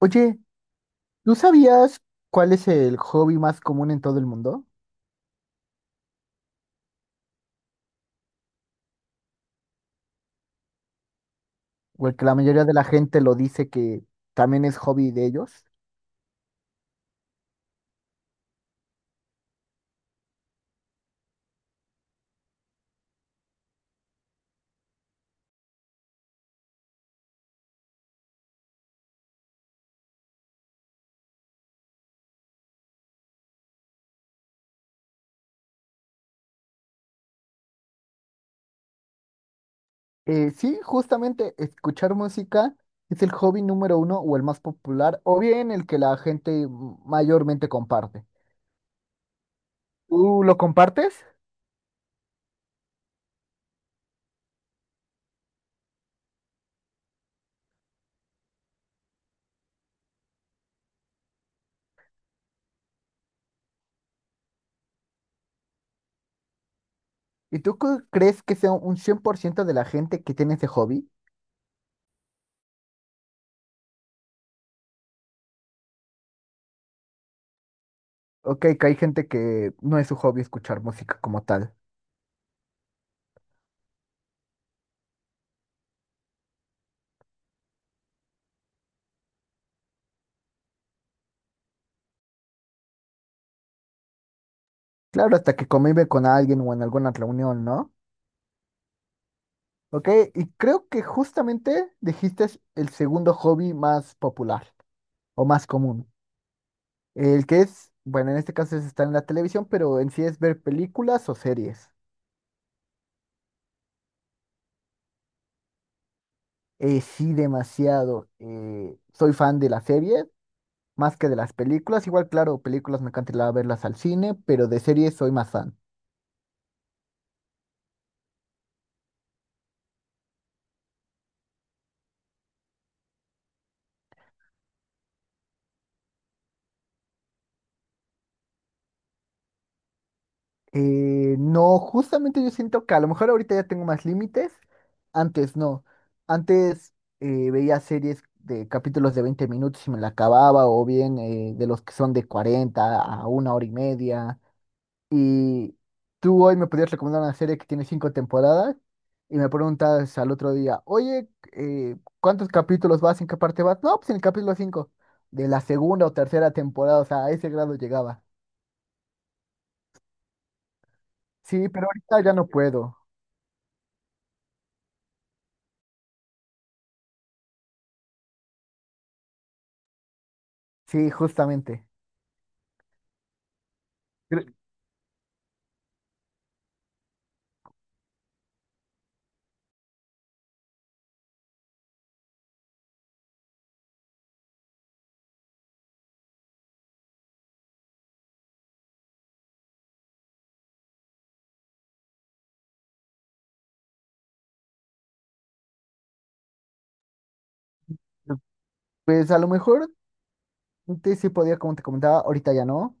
Oye, ¿tú sabías cuál es el hobby más común en todo el mundo? O el que la mayoría de la gente lo dice que también es hobby de ellos. Sí, justamente escuchar música es el hobby número uno o el más popular, o bien el que la gente mayormente comparte. ¿Tú lo compartes? ¿Y tú crees que sea un 100% de la gente que tiene ese hobby? Ok, que hay gente que no es su hobby escuchar música como tal. Claro, hasta que convive con alguien o en alguna reunión, ¿no? Ok, y creo que justamente dijiste es el segundo hobby más popular o más común. El que es, bueno, en este caso es estar en la televisión, pero en sí es ver películas o series. Sí, demasiado. Soy fan de las series más que de las películas. Igual, claro, películas me encanta ir a verlas al cine, pero de series soy más fan. No, justamente yo siento que a lo mejor ahorita ya tengo más límites. Antes no. Antes veía series de capítulos de 20 minutos y me la acababa, o bien de los que son de 40 a una hora y media. Y tú hoy me podías recomendar una serie que tiene 5 temporadas y me preguntas al otro día, oye, ¿cuántos capítulos vas? ¿En qué parte vas? No, pues en el capítulo 5 de la segunda o tercera temporada, o sea, a ese grado llegaba. Sí, pero ahorita ya no puedo. Sí, justamente. Cre- Pues a lo mejor antes sí podía, como te comentaba, ahorita ya no,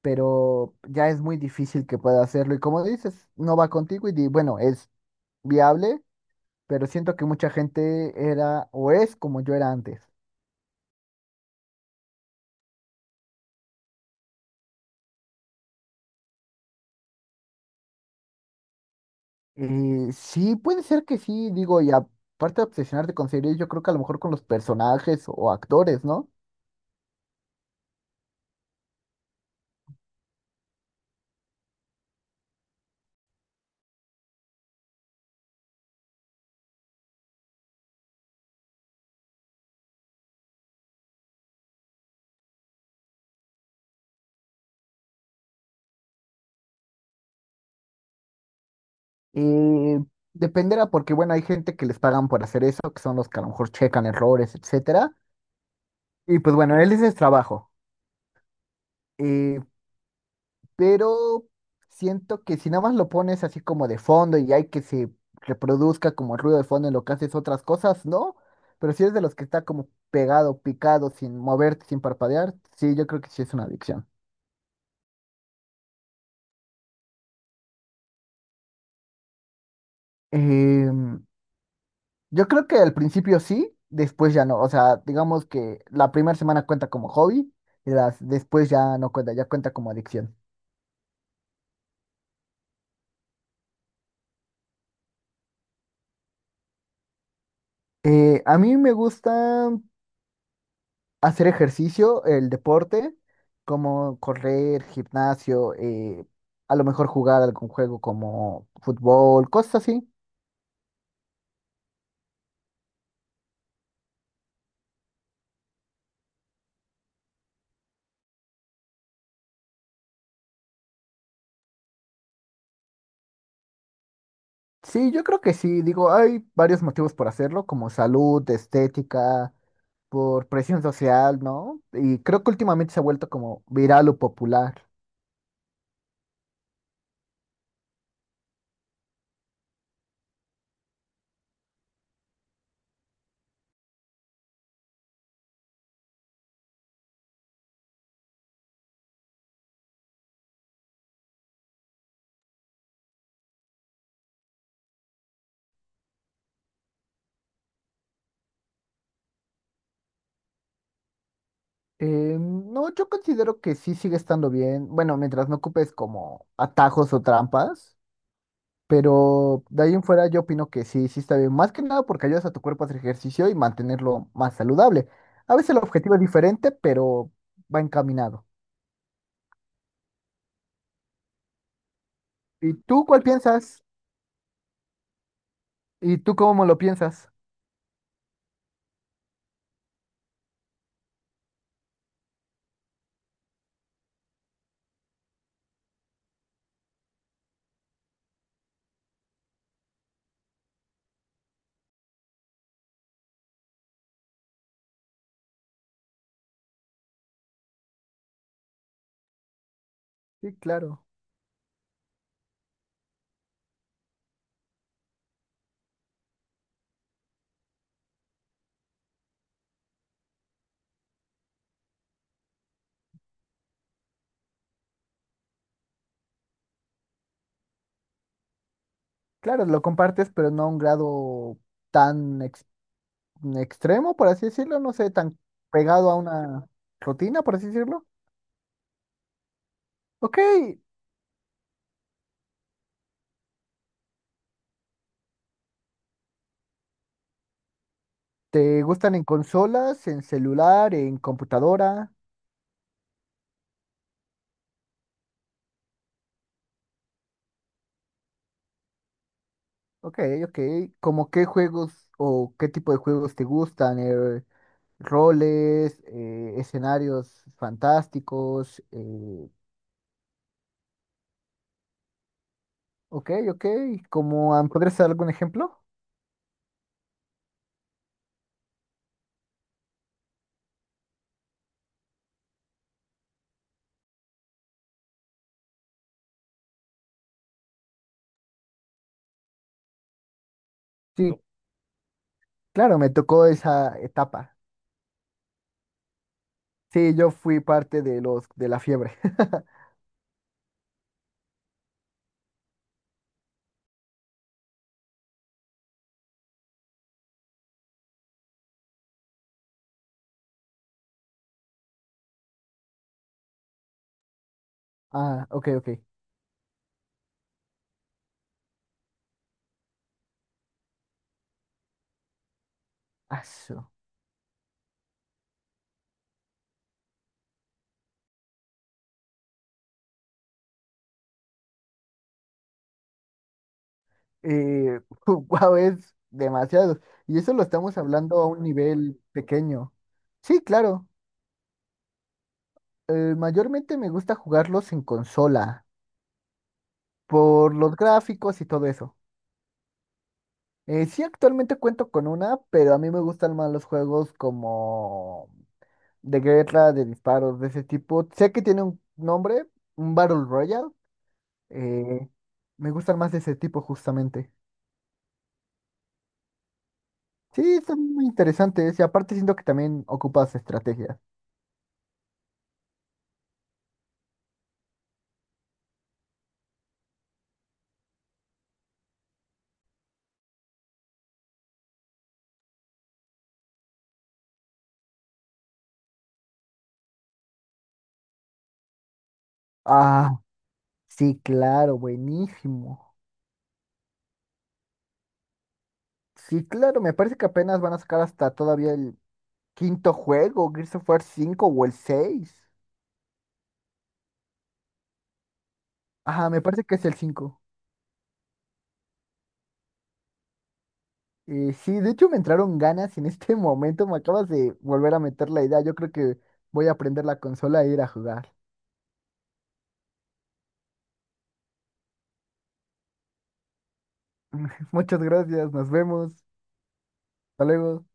pero ya es muy difícil que pueda hacerlo. Y como dices, no va contigo y bueno, es viable, pero siento que mucha gente era o es como yo era antes. Sí, puede ser que sí, digo, y aparte de obsesionarte con series, yo creo que a lo mejor con los personajes o actores, ¿no? Eh, Dependerá porque, bueno, hay gente que les pagan por hacer eso, que son los que a lo mejor checan errores, etcétera. Y pues bueno, él ese es trabajo. Eh, pero siento que si nada más lo pones así como de fondo y hay que se reproduzca como ruido de fondo en lo que haces otras cosas, ¿no? Pero si eres de los que está como pegado, picado, sin moverte, sin parpadear, sí, yo creo que sí es una adicción. Em, yo creo que al principio sí, después ya no. O sea, digamos que la primera semana cuenta como hobby y las, después ya no cuenta, ya cuenta como adicción. A mí me gusta hacer ejercicio, el deporte, como correr, gimnasio, a lo mejor jugar algún juego como fútbol, cosas así. Sí, yo creo que sí, digo, hay varios motivos por hacerlo, como salud, estética, por presión social, ¿no? Y creo que últimamente se ha vuelto como viral o popular. No, yo considero que sí sigue estando bien, bueno, mientras no ocupes como atajos o trampas. Pero de ahí en fuera yo opino que sí, sí está bien. Más que nada porque ayudas a tu cuerpo a hacer ejercicio y mantenerlo más saludable. A veces el objetivo es diferente, pero va encaminado. ¿Y tú cuál piensas? ¿Y tú cómo lo piensas? Sí, claro. Claro, lo compartes, pero no a un grado tan extremo, por así decirlo. No sé, tan pegado a una rutina, por así decirlo. Ok, ¿te gustan en consolas, en celular, en computadora? Ok, ok. ¿Cómo qué juegos o qué tipo de juegos te gustan? Roles, escenarios fantásticos. Ok, ok. ¿Cómo, podrías dar algún ejemplo? Sí, claro, me tocó esa etapa. Sí, yo fui parte de los de la fiebre. Ah, ok, ok. Aso. Eh, wow, es demasiado. Y eso lo estamos hablando a un nivel pequeño. Sí, claro. Mayormente me gusta jugarlos en consola, por los gráficos y todo eso. Sí, actualmente cuento con una, pero a mí me gustan más los juegos como de guerra, de disparos, de ese tipo. Sé que tiene un nombre, un Battle Royale. eh, Me gustan más de ese tipo justamente. Sí, están muy interesantes y aparte siento que también ocupas estrategias. Ah, sí, claro, buenísimo. Sí, claro, me parece que apenas van a sacar hasta todavía el quinto juego, Gears of War 5 o el 6. Ajá, me parece que es el 5. Sí, de hecho me entraron ganas en este momento, me acabas de volver a meter la idea, yo creo que voy a prender la consola e ir a jugar. Muchas gracias, nos vemos, hasta luego.